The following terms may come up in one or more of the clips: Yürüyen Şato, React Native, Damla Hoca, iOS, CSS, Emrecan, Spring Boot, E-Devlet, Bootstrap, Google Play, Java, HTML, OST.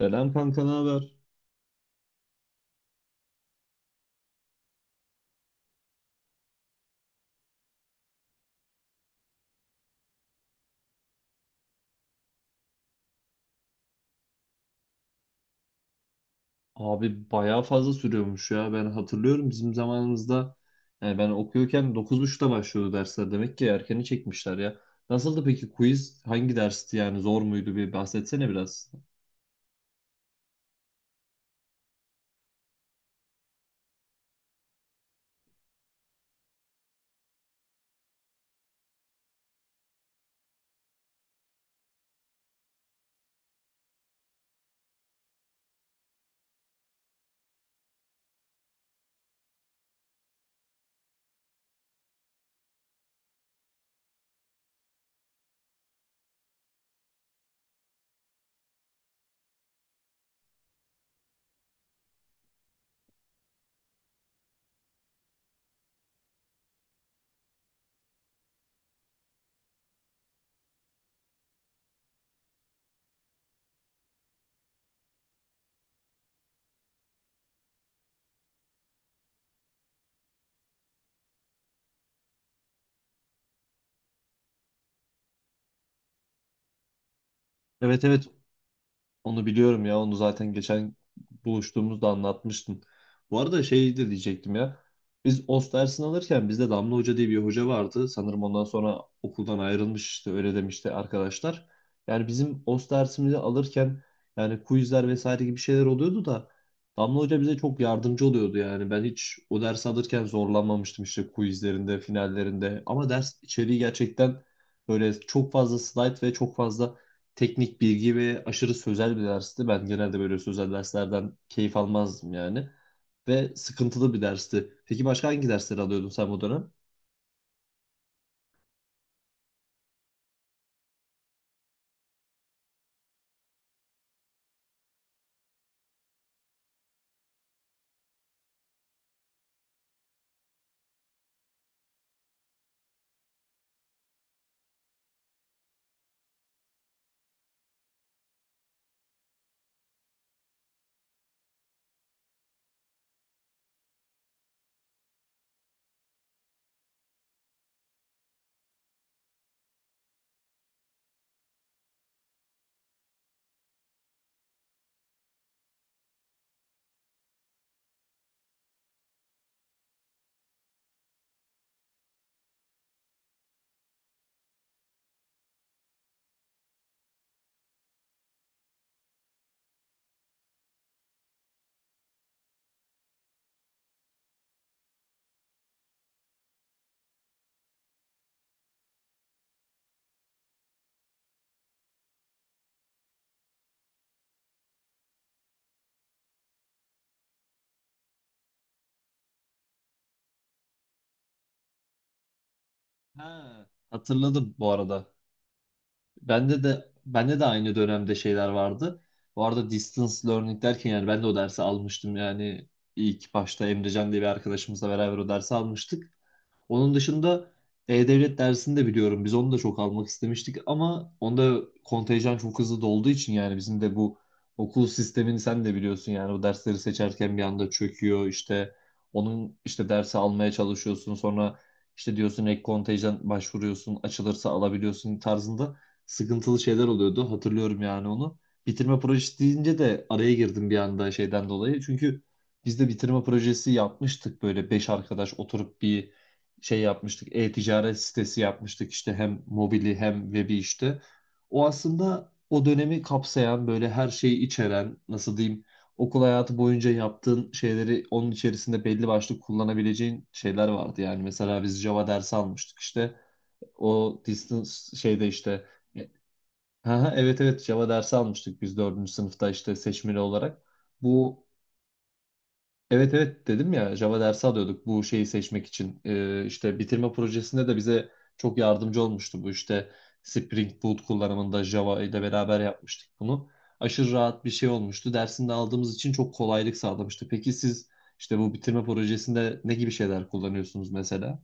Selam kanka, ne haber? Abi bayağı fazla sürüyormuş ya. Ben hatırlıyorum bizim zamanımızda yani ben okuyorken dokuz buçukta başlıyordu dersler. Demek ki erkeni çekmişler ya. Nasıldı peki quiz? Hangi dersti yani, zor muydu, bir bahsetsene biraz. Evet evet, onu biliyorum ya. Onu zaten geçen buluştuğumuzda anlatmıştın. Bu arada şey de diyecektim ya. Biz OST dersini alırken bizde Damla Hoca diye bir hoca vardı. Sanırım ondan sonra okuldan ayrılmış, işte öyle demişti arkadaşlar. Yani bizim OST dersimizi alırken yani quizler vesaire gibi şeyler oluyordu da Damla Hoca bize çok yardımcı oluyordu yani. Ben hiç o dersi alırken zorlanmamıştım işte quizlerinde, finallerinde. Ama ders içeriği gerçekten böyle çok fazla slide ve çok fazla teknik bilgi ve aşırı sözel bir dersti. Ben genelde böyle sözel derslerden keyif almazdım yani. Ve sıkıntılı bir dersti. Peki başka hangi dersleri alıyordun sen bu dönem? Ha, hatırladım bu arada. Bende de aynı dönemde şeyler vardı. Bu arada distance learning derken yani ben de o dersi almıştım yani ilk başta Emrecan diye bir arkadaşımızla beraber o dersi almıştık. Onun dışında E-Devlet dersini de biliyorum. Biz onu da çok almak istemiştik ama onda kontenjan çok hızlı dolduğu için yani bizim de bu okul sistemini sen de biliyorsun yani, o dersleri seçerken bir anda çöküyor, işte onun işte dersi almaya çalışıyorsun sonra işte diyorsun ek kontenjan başvuruyorsun açılırsa alabiliyorsun tarzında sıkıntılı şeyler oluyordu, hatırlıyorum yani onu. Bitirme projesi deyince de araya girdim bir anda şeyden dolayı, çünkü biz de bitirme projesi yapmıştık, böyle beş arkadaş oturup bir şey yapmıştık. E-ticaret sitesi yapmıştık işte, hem mobili hem webi işte. O aslında o dönemi kapsayan böyle her şeyi içeren, nasıl diyeyim, okul hayatı boyunca yaptığın şeyleri onun içerisinde belli başlı kullanabileceğin şeyler vardı. Yani mesela biz Java dersi almıştık işte, o distance şeyde işte. Aha, evet evet, Java dersi almıştık biz dördüncü sınıfta işte seçmeli olarak. Bu, evet evet, dedim ya Java dersi alıyorduk bu şeyi seçmek için. İşte bitirme projesinde de bize çok yardımcı olmuştu bu işte Spring Boot kullanımında Java ile beraber yapmıştık bunu. Aşırı rahat bir şey olmuştu. Dersini de aldığımız için çok kolaylık sağlamıştı. Peki siz işte bu bitirme projesinde ne gibi şeyler kullanıyorsunuz mesela?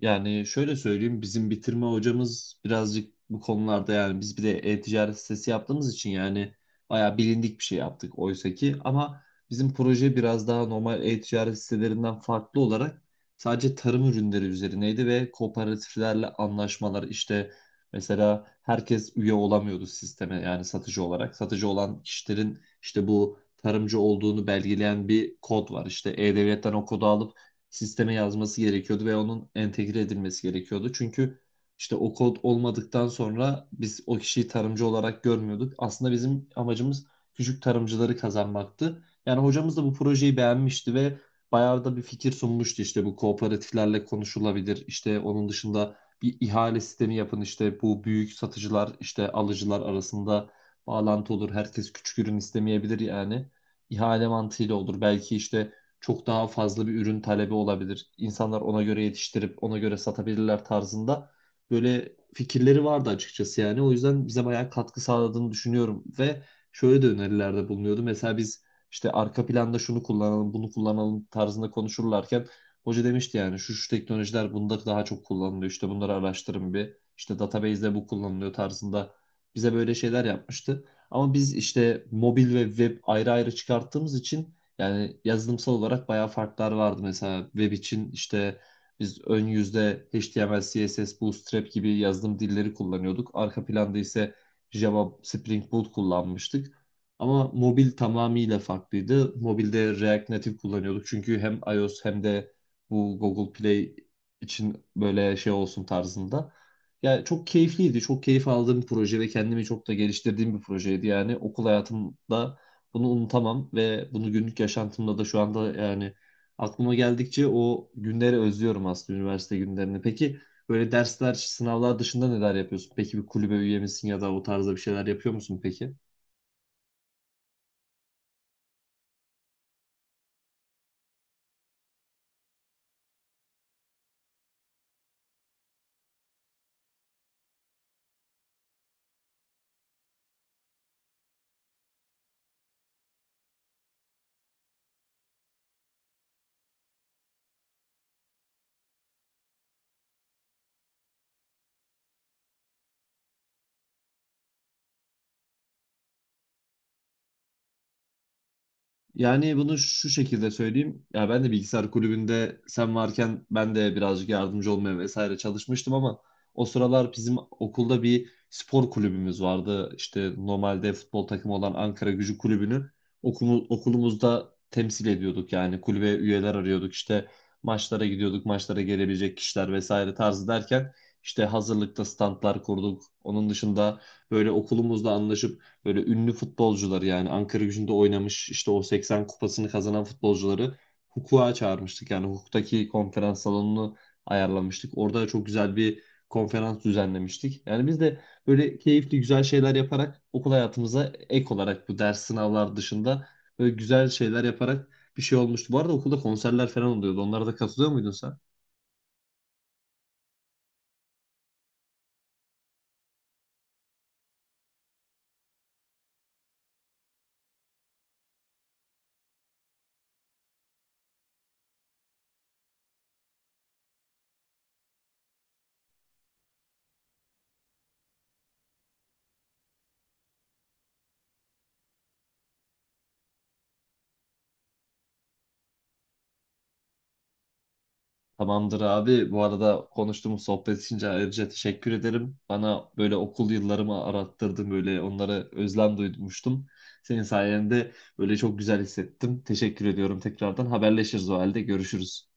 Yani şöyle söyleyeyim, bizim bitirme hocamız birazcık bu konularda, yani biz bir de e-ticaret sitesi yaptığımız için yani bayağı bilindik bir şey yaptık oysa ki, ama bizim proje biraz daha normal e-ticaret sitelerinden farklı olarak sadece tarım ürünleri üzerineydi ve kooperatiflerle anlaşmalar işte, mesela herkes üye olamıyordu sisteme yani satıcı olarak. Satıcı olan kişilerin işte bu tarımcı olduğunu belgeleyen bir kod var. İşte e-devletten o kodu alıp sisteme yazması gerekiyordu ve onun entegre edilmesi gerekiyordu. Çünkü işte o kod olmadıktan sonra biz o kişiyi tarımcı olarak görmüyorduk. Aslında bizim amacımız küçük tarımcıları kazanmaktı. Yani hocamız da bu projeyi beğenmişti ve bayağı da bir fikir sunmuştu. İşte bu kooperatiflerle konuşulabilir. İşte onun dışında bir ihale sistemi yapın. İşte bu büyük satıcılar işte alıcılar arasında bağlantı olur. Herkes küçük ürün istemeyebilir yani. İhale mantığıyla olur. Belki işte çok daha fazla bir ürün talebi olabilir. İnsanlar ona göre yetiştirip ona göre satabilirler tarzında böyle fikirleri vardı açıkçası yani. O yüzden bize bayağı katkı sağladığını düşünüyorum. Ve şöyle de önerilerde bulunuyordu. Mesela biz işte arka planda şunu kullanalım, bunu kullanalım tarzında konuşurlarken hoca demişti yani şu şu teknolojiler bunda daha çok kullanılıyor. İşte bunları araştırın bir. İşte database'de bu kullanılıyor tarzında bize böyle şeyler yapmıştı. Ama biz işte mobil ve web ayrı ayrı çıkarttığımız için yani yazılımsal olarak bayağı farklar vardı. Mesela web için işte biz ön yüzde HTML, CSS, Bootstrap gibi yazılım dilleri kullanıyorduk. Arka planda ise Java, Spring Boot kullanmıştık. Ama mobil tamamıyla farklıydı. Mobilde React Native kullanıyorduk. Çünkü hem iOS hem de bu Google Play için böyle şey olsun tarzında. Yani çok keyifliydi. Çok keyif aldığım bir proje ve kendimi çok da geliştirdiğim bir projeydi. Yani okul hayatımda bunu unutamam ve bunu günlük yaşantımda da şu anda yani aklıma geldikçe o günleri özlüyorum aslında, üniversite günlerini. Peki böyle dersler, sınavlar dışında neler yapıyorsun? Peki bir kulübe üye misin ya da o tarzda bir şeyler yapıyor musun peki? Yani bunu şu şekilde söyleyeyim. Ya ben de bilgisayar kulübünde sen varken ben de birazcık yardımcı olmaya vesaire çalışmıştım ama o sıralar bizim okulda bir spor kulübümüz vardı. İşte normalde futbol takımı olan Ankara Gücü Kulübü'nü okulumuzda temsil ediyorduk. Yani kulübe üyeler arıyorduk. İşte maçlara gidiyorduk, maçlara gelebilecek kişiler vesaire tarzı derken işte hazırlıkta standlar kurduk. Onun dışında böyle okulumuzla anlaşıp böyle ünlü futbolcuları, yani Ankara Gücü'nde oynamış işte o 80 kupasını kazanan futbolcuları hukuka çağırmıştık. Yani hukuktaki konferans salonunu ayarlamıştık. Orada çok güzel bir konferans düzenlemiştik. Yani biz de böyle keyifli güzel şeyler yaparak okul hayatımıza ek olarak bu ders sınavlar dışında böyle güzel şeyler yaparak bir şey olmuştu. Bu arada okulda konserler falan oluyordu. Onlara da katılıyor muydun sen? Tamamdır abi. Bu arada konuştuğumuz sohbet için ayrıca teşekkür ederim. Bana böyle okul yıllarımı arattırdın. Böyle onlara özlem duymuştum. Senin sayende böyle çok güzel hissettim. Teşekkür ediyorum tekrardan. Haberleşiriz o halde. Görüşürüz.